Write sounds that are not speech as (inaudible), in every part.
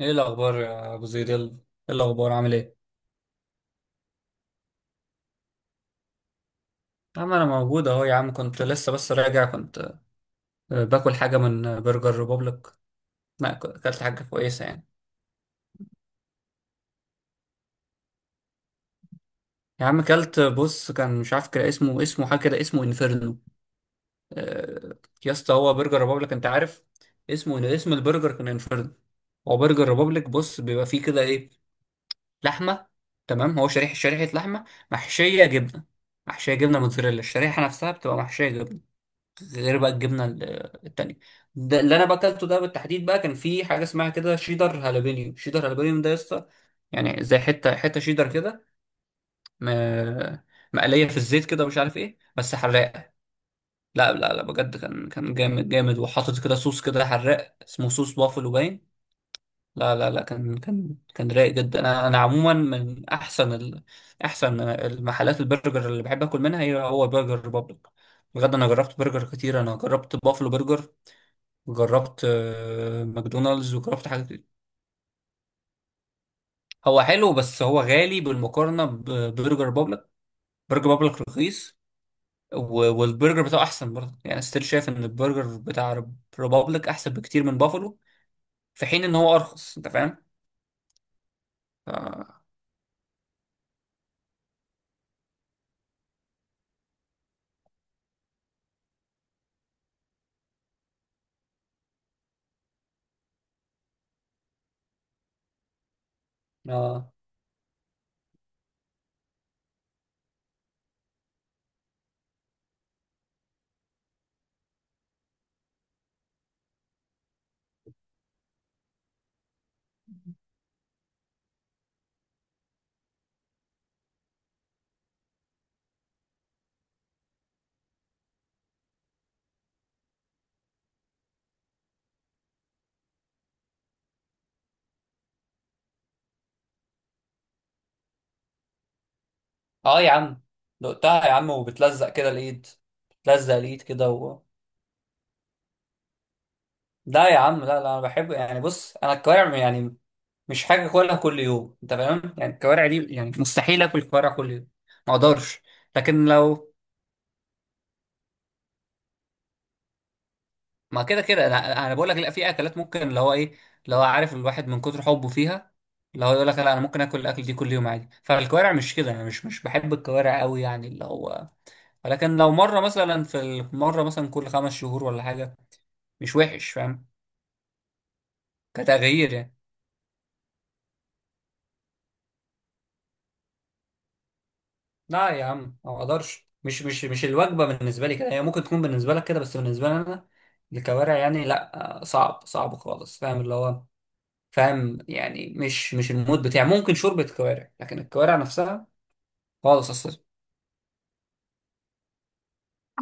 ايه الاخبار يا ابو زيد؟ يلا، ايه الاخبار؟ عامل ايه؟ يا عم انا موجود اهو، يا عم كنت لسه بس راجع. كنت باكل حاجه من برجر ريبوبليك. لا، اكلت حاجه كويسه يعني. يا عم اكلت، بص، كان مش عارف، كده اسمه حاجه كده، اسمه انفيرنو. آه، يا اسطى، هو برجر ريبوبليك انت عارف. اسمه، اسم البرجر كان انفيرنو. هو برجر ريبوبليك، بص بيبقى فيه كده ايه، لحمه. تمام، هو شريحه لحمه، محشيه جبنه. محشيه جبنه موتزاريلا، الشريحه نفسها بتبقى محشيه جبنه، غير بقى الجبنه التانيه. ده اللي انا باكلته ده بالتحديد بقى كان في حاجه اسمها كده، شيدر هالابينيو، شيدر هالابينيو ده يا اسطى. يعني زي حته حته شيدر كده، م- مقليه في الزيت كده، ومش عارف ايه، بس حراقه. لا لا لا، بجد كان جامد جامد، وحاطط كده صوص، كده حراق اسمه صوص بافلو باين. لا لا لا، كان رايق جدا. انا عموما من احسن احسن المحلات، البرجر اللي بحب اكل منها هو برجر ريبابليك. بجد انا جربت برجر كتير، انا جربت بافلو برجر، جربت ماكدونالدز، وجربت حاجات كتير. هو حلو بس هو غالي بالمقارنه ببرجر بابليك. برجر بابليك رخيص. والبرجر بتاعه احسن برضه يعني، ستيل شايف ان البرجر بتاع ريبابليك احسن بكتير من بافالو، في حين ان هو ارخص، انت فاهم؟ ف... اه. اه يا عم، دقتها يا عم وبتلزق كده الايد، بتلزق الايد كده لا يا عم، لا لا، انا بحب يعني، بص انا الكوارع يعني مش حاجه اكلها كل يوم، انت فاهم؟ يعني الكوارع دي، يعني مستحيل اكل كوارع كل يوم، ما اقدرش. لكن لو، ما كده كده انا بقول لك لا، في اكلات ممكن، اللي هو ايه، اللي هو عارف الواحد من كتر حبه فيها، اللي هو يقول لك لا، انا ممكن اكل الاكل دي كل يوم عادي. فالكوارع مش كده، انا مش بحب الكوارع قوي، يعني اللي هو، ولكن لو مره مثلا، في المره مثلا كل 5 شهور ولا حاجه، مش وحش فاهم؟ كتغيير يعني. لا يا عم، ما اقدرش، مش الوجبه بالنسبه لي كده، هي ممكن تكون بالنسبه لك كده بس بالنسبه لي انا الكوارع يعني لا، صعب صعب خالص، فاهم اللي هو، فاهم يعني، مش المود بتاعي. ممكن شوربه كوارع، لكن الكوارع نفسها خالص اصلا.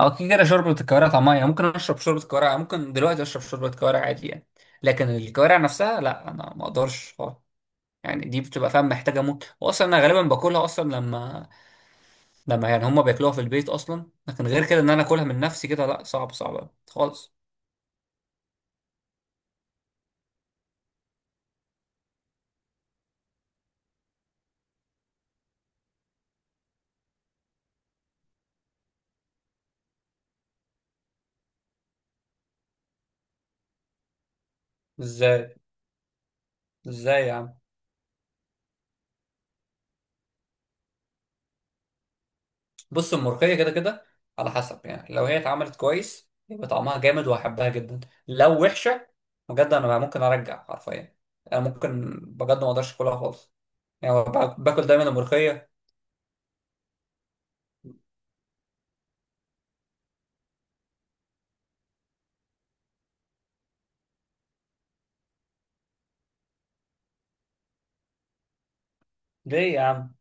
او كده كده شوربه الكوارع طعمها يعني، ممكن اشرب شوربه كوارع، ممكن دلوقتي اشرب شوربه كوارع عادي يعني. لكن الكوارع نفسها لا، انا ما اقدرش خالص. يعني دي بتبقى فاهم محتاجه موت، واصلا انا غالبا باكلها اصلا لما، يعني هما بياكلوها في البيت اصلا، لكن غير كده ان انا اكلها من نفسي كده، لا صعب، صعب أوي خالص. ازاي؟ ازاي يا عم؟ بص، الملوخيه كده كده على حسب يعني، لو هي اتعملت كويس يبقى طعمها جامد وهحبها جدا، لو وحشه بجد انا ممكن ارجع حرفيا، انا ممكن بجد ما اقدرش اكلها خالص. يعني باكل دايما الملوخيه. ليه يا عم؟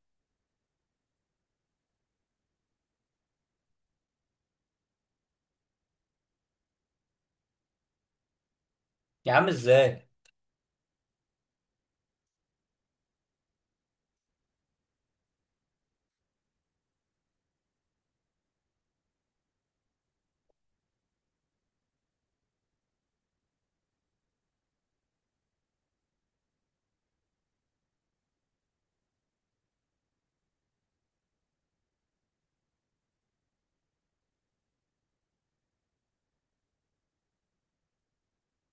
يا عم ازاي؟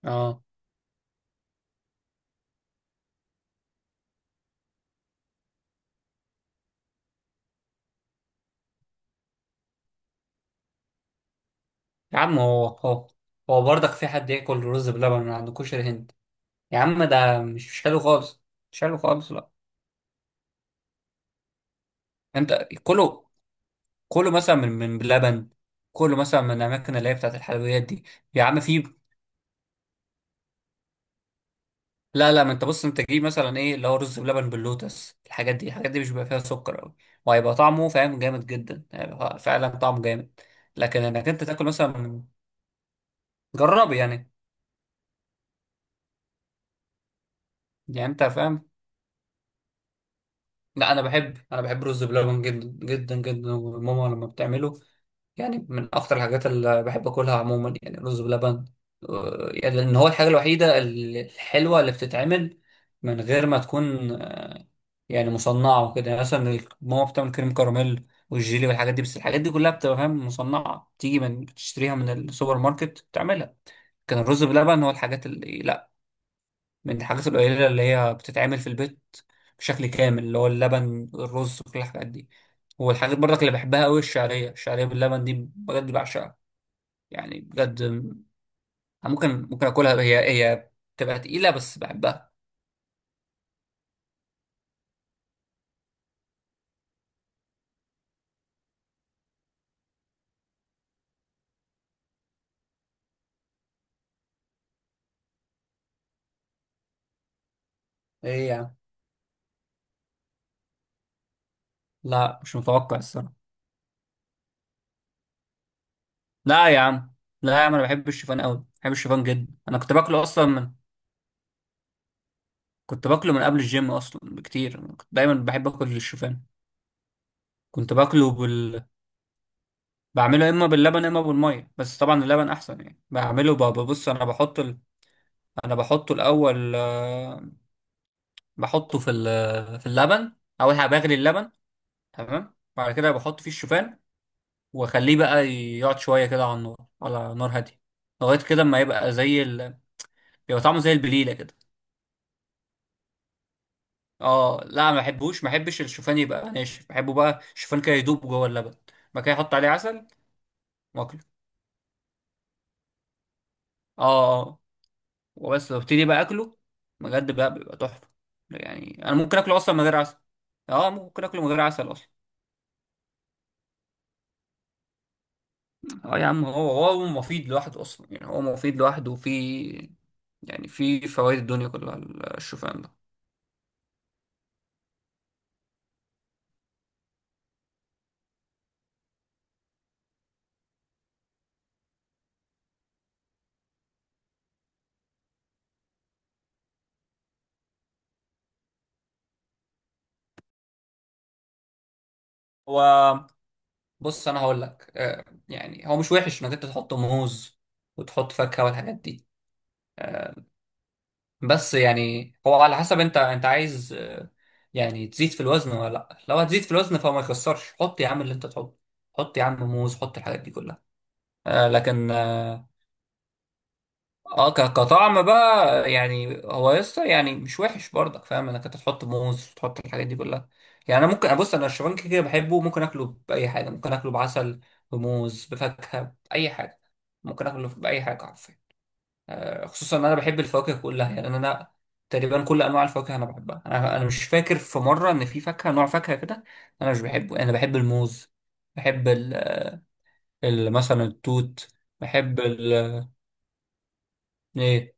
اه يا عم، هو هو برضك في حد ياكل رز بلبن من عند كشري هند؟ يا عم ده مش حلو خالص، مش حلو خالص، لا. انت كله، كله مثلا من بلبن، كله مثلا من الاماكن اللي هي بتاعت الحلويات دي. يا عم في، لا لا، ما انت بص انت جيب مثلا ايه اللي هو رز بلبن باللوتس، الحاجات دي، الحاجات دي مش بيبقى فيها سكر قوي، وهيبقى طعمه فاهم جامد جدا، هيبقى فعلا طعمه جامد. لكن انك انت تاكل مثلا جربي يعني، يعني انت فاهم؟ لا انا بحب رز بلبن جدا جدا جدا، وماما لما بتعمله يعني من اكتر الحاجات اللي بحب اكلها عموما يعني رز بلبن. يعني لان هو الحاجه الوحيده الحلوه اللي بتتعمل من غير ما تكون يعني مصنعه وكده. يعني مثلا ماما بتعمل كريم كراميل والجيلي والحاجات دي، بس الحاجات دي كلها بتبقى فاهم مصنعه تيجي، من تشتريها من السوبر ماركت تعملها. كان الرز بلبن هو الحاجات اللي، من الحاجات القليلة اللي هي بتتعمل في البيت بشكل كامل، اللي هو اللبن الرز كل الحاجات دي. والحاجات برضك اللي بحبها قوي الشعرية باللبن دي، بجد بعشقها يعني، بجد ممكن اكلها هي، هي بتبقى تقيلة بس بحبها. ايه يا عم؟ لا مش متوقع، الصراحة. لا يا عم، لا يا عم انا بحب الشوفان قوي، بحب الشوفان جدا. انا كنت باكله اصلا من، كنت باكله من قبل الجيم اصلا بكتير. أنا كنت دايما بحب اكل الشوفان. كنت باكله بعمله اما باللبن اما بالميه، بس طبعا اللبن احسن يعني. بعمله ببص، انا بحط انا بحطه الاول، بحطه في في اللبن، اول حاجه بغلي اللبن. تمام، بعد كده بحط فيه الشوفان، واخليه بقى يقعد شويه كده على النار، على نار هاديه لغايه كده ما يبقى زي يبقى طعمه زي البليله كده. اه، لا ما بحبوش، ما بحبش الشوفان يبقى ناشف، بحبه بقى الشوفان كده يدوب جوه اللبن. بعد كده احط عليه عسل، واكله. اه. آه، وبس، وابتدي بقى اكله، بجد بقى بيبقى تحفه. يعني انا ممكن اكله اصلا من غير عسل. اه، ممكن اكله من غير عسل اصلا. اه يا عم، هو مفيد لوحده اصلا يعني، هو مفيد لوحده، وفي يعني في فوائد الدنيا كلها الشوفان ده. هو بص انا هقول لك، يعني هو مش وحش انك انت تحط موز وتحط فاكهه والحاجات دي. آه، بس يعني هو على حسب، انت عايز يعني تزيد في الوزن ولا لا. لو هتزيد في الوزن فما يخسرش، حط يا عم اللي انت تحطه، حط يا عم موز، حط الحاجات دي كلها. لكن كطعم بقى، يعني هو لسه يعني مش وحش برضك فاهم انك انت تحط موز، تحط الحاجات دي كلها. يعني انا ممكن ابص، انا الشوفان كده كده بحبه، ممكن اكله باي حاجه، ممكن اكله بعسل، بموز، بفاكهه، باي حاجه، ممكن اكله باي حاجه. خصوصا ان انا بحب الفواكه كلها، يعني انا تقريبا كل انواع الفواكه انا بحبها، انا مش فاكر في مره ان في فاكهه، نوع فاكهه كده انا مش بحبه. يعني انا بحب الموز، بحب مثلا التوت، بحب ايه.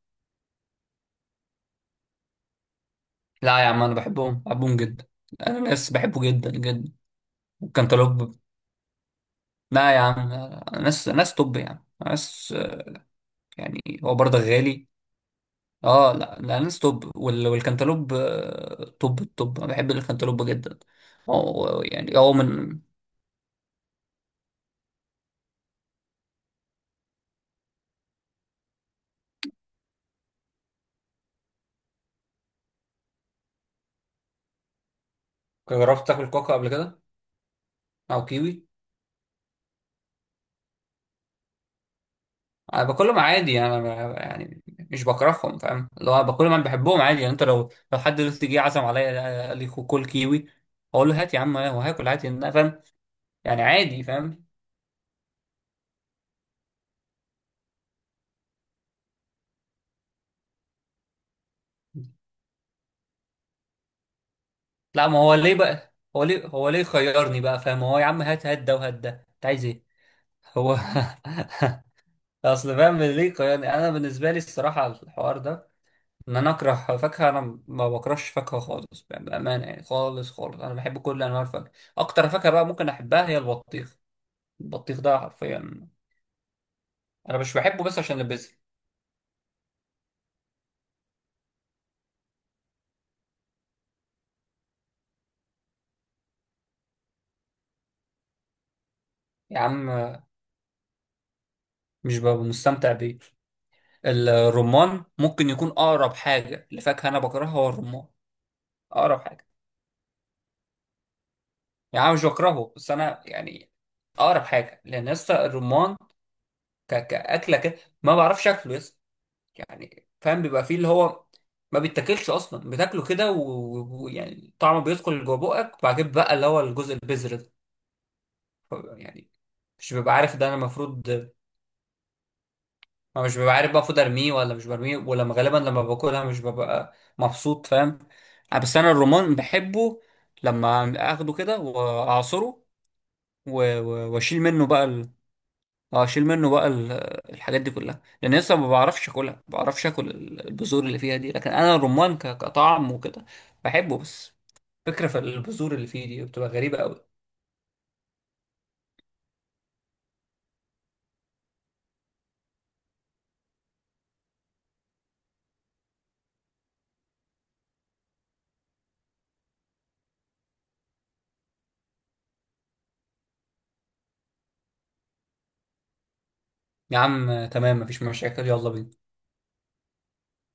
لا يا عم انا بحبهم جدا. الاناناس بحبه جدا جدا، والكنتالوب. لا يا عم، أنا ناس توب، يعني ناس يعني هو برضه غالي. اه لا، الاناناس توب والكنتالوب توب، التوب انا بحب الكنتالوب جدا، هو يعني هو من. جربت تاكل كوكا قبل كده، او كيوي؟ انا باكلهم عادي يعني، انا يعني مش بكرههم فاهم. لو انا باكلهم انا بحبهم عادي يعني. انت لو حد دلوقتي جه عزم عليا قال لي كل كيوي، اقول له هات يا عم، هو هاكل عادي إن انا فاهم، يعني عادي فاهم. لا، ما هو ليه بقى؟ هو ليه خيرني بقى فاهم؟ هو يا عم هات، هات ده وهات ده، انت عايز ايه؟ هو (laughs) اصل فاهم ليه خيرني انا، بالنسبه لي الصراحه الحوار ده ان انا اكره فاكهه، انا ما بكرهش فاكهه خالص، يعني بامانه يعني خالص خالص، انا بحب كل انواع الفاكهه. اكتر فاكهه بقى ممكن احبها هي البطيخ، البطيخ ده حرفيا انا مش بحبه بس عشان البذر، يا عم مش ببقى مستمتع بيه. الرمان ممكن يكون اقرب حاجه لفاكهه انا بكرهها هو الرمان، اقرب حاجه. يعني انا مش بكرهه بس انا يعني اقرب حاجه، لان لسه الرمان كاكله كده ما بعرفش اكله لسه، يعني فاهم بيبقى فيه اللي هو ما بيتاكلش اصلا، بتاكله كده ويعني طعمه بيدخل جوه بقك، وبعد كده بقى اللي هو الجزء البذر ده، يعني مش ببقى عارف ده انا المفروض، ما مش ببقى عارف بقى المفروض ارميه ولا مش برميه. ولما غالبا لما باكلها مش ببقى مبسوط فاهم. بس انا الرمان بحبه لما اخده كده واعصره، واشيل منه بقى. اه شيل منه بقى الحاجات دي كلها، لان لسه ما بعرفش اكلها، ما بعرفش اكل البذور اللي فيها دي. لكن انا الرمان كطعم وكده بحبه، بس فكرة في البذور اللي فيه دي بتبقى غريبة قوي. يا عم تمام، مفيش مشاكل، يلا بينا.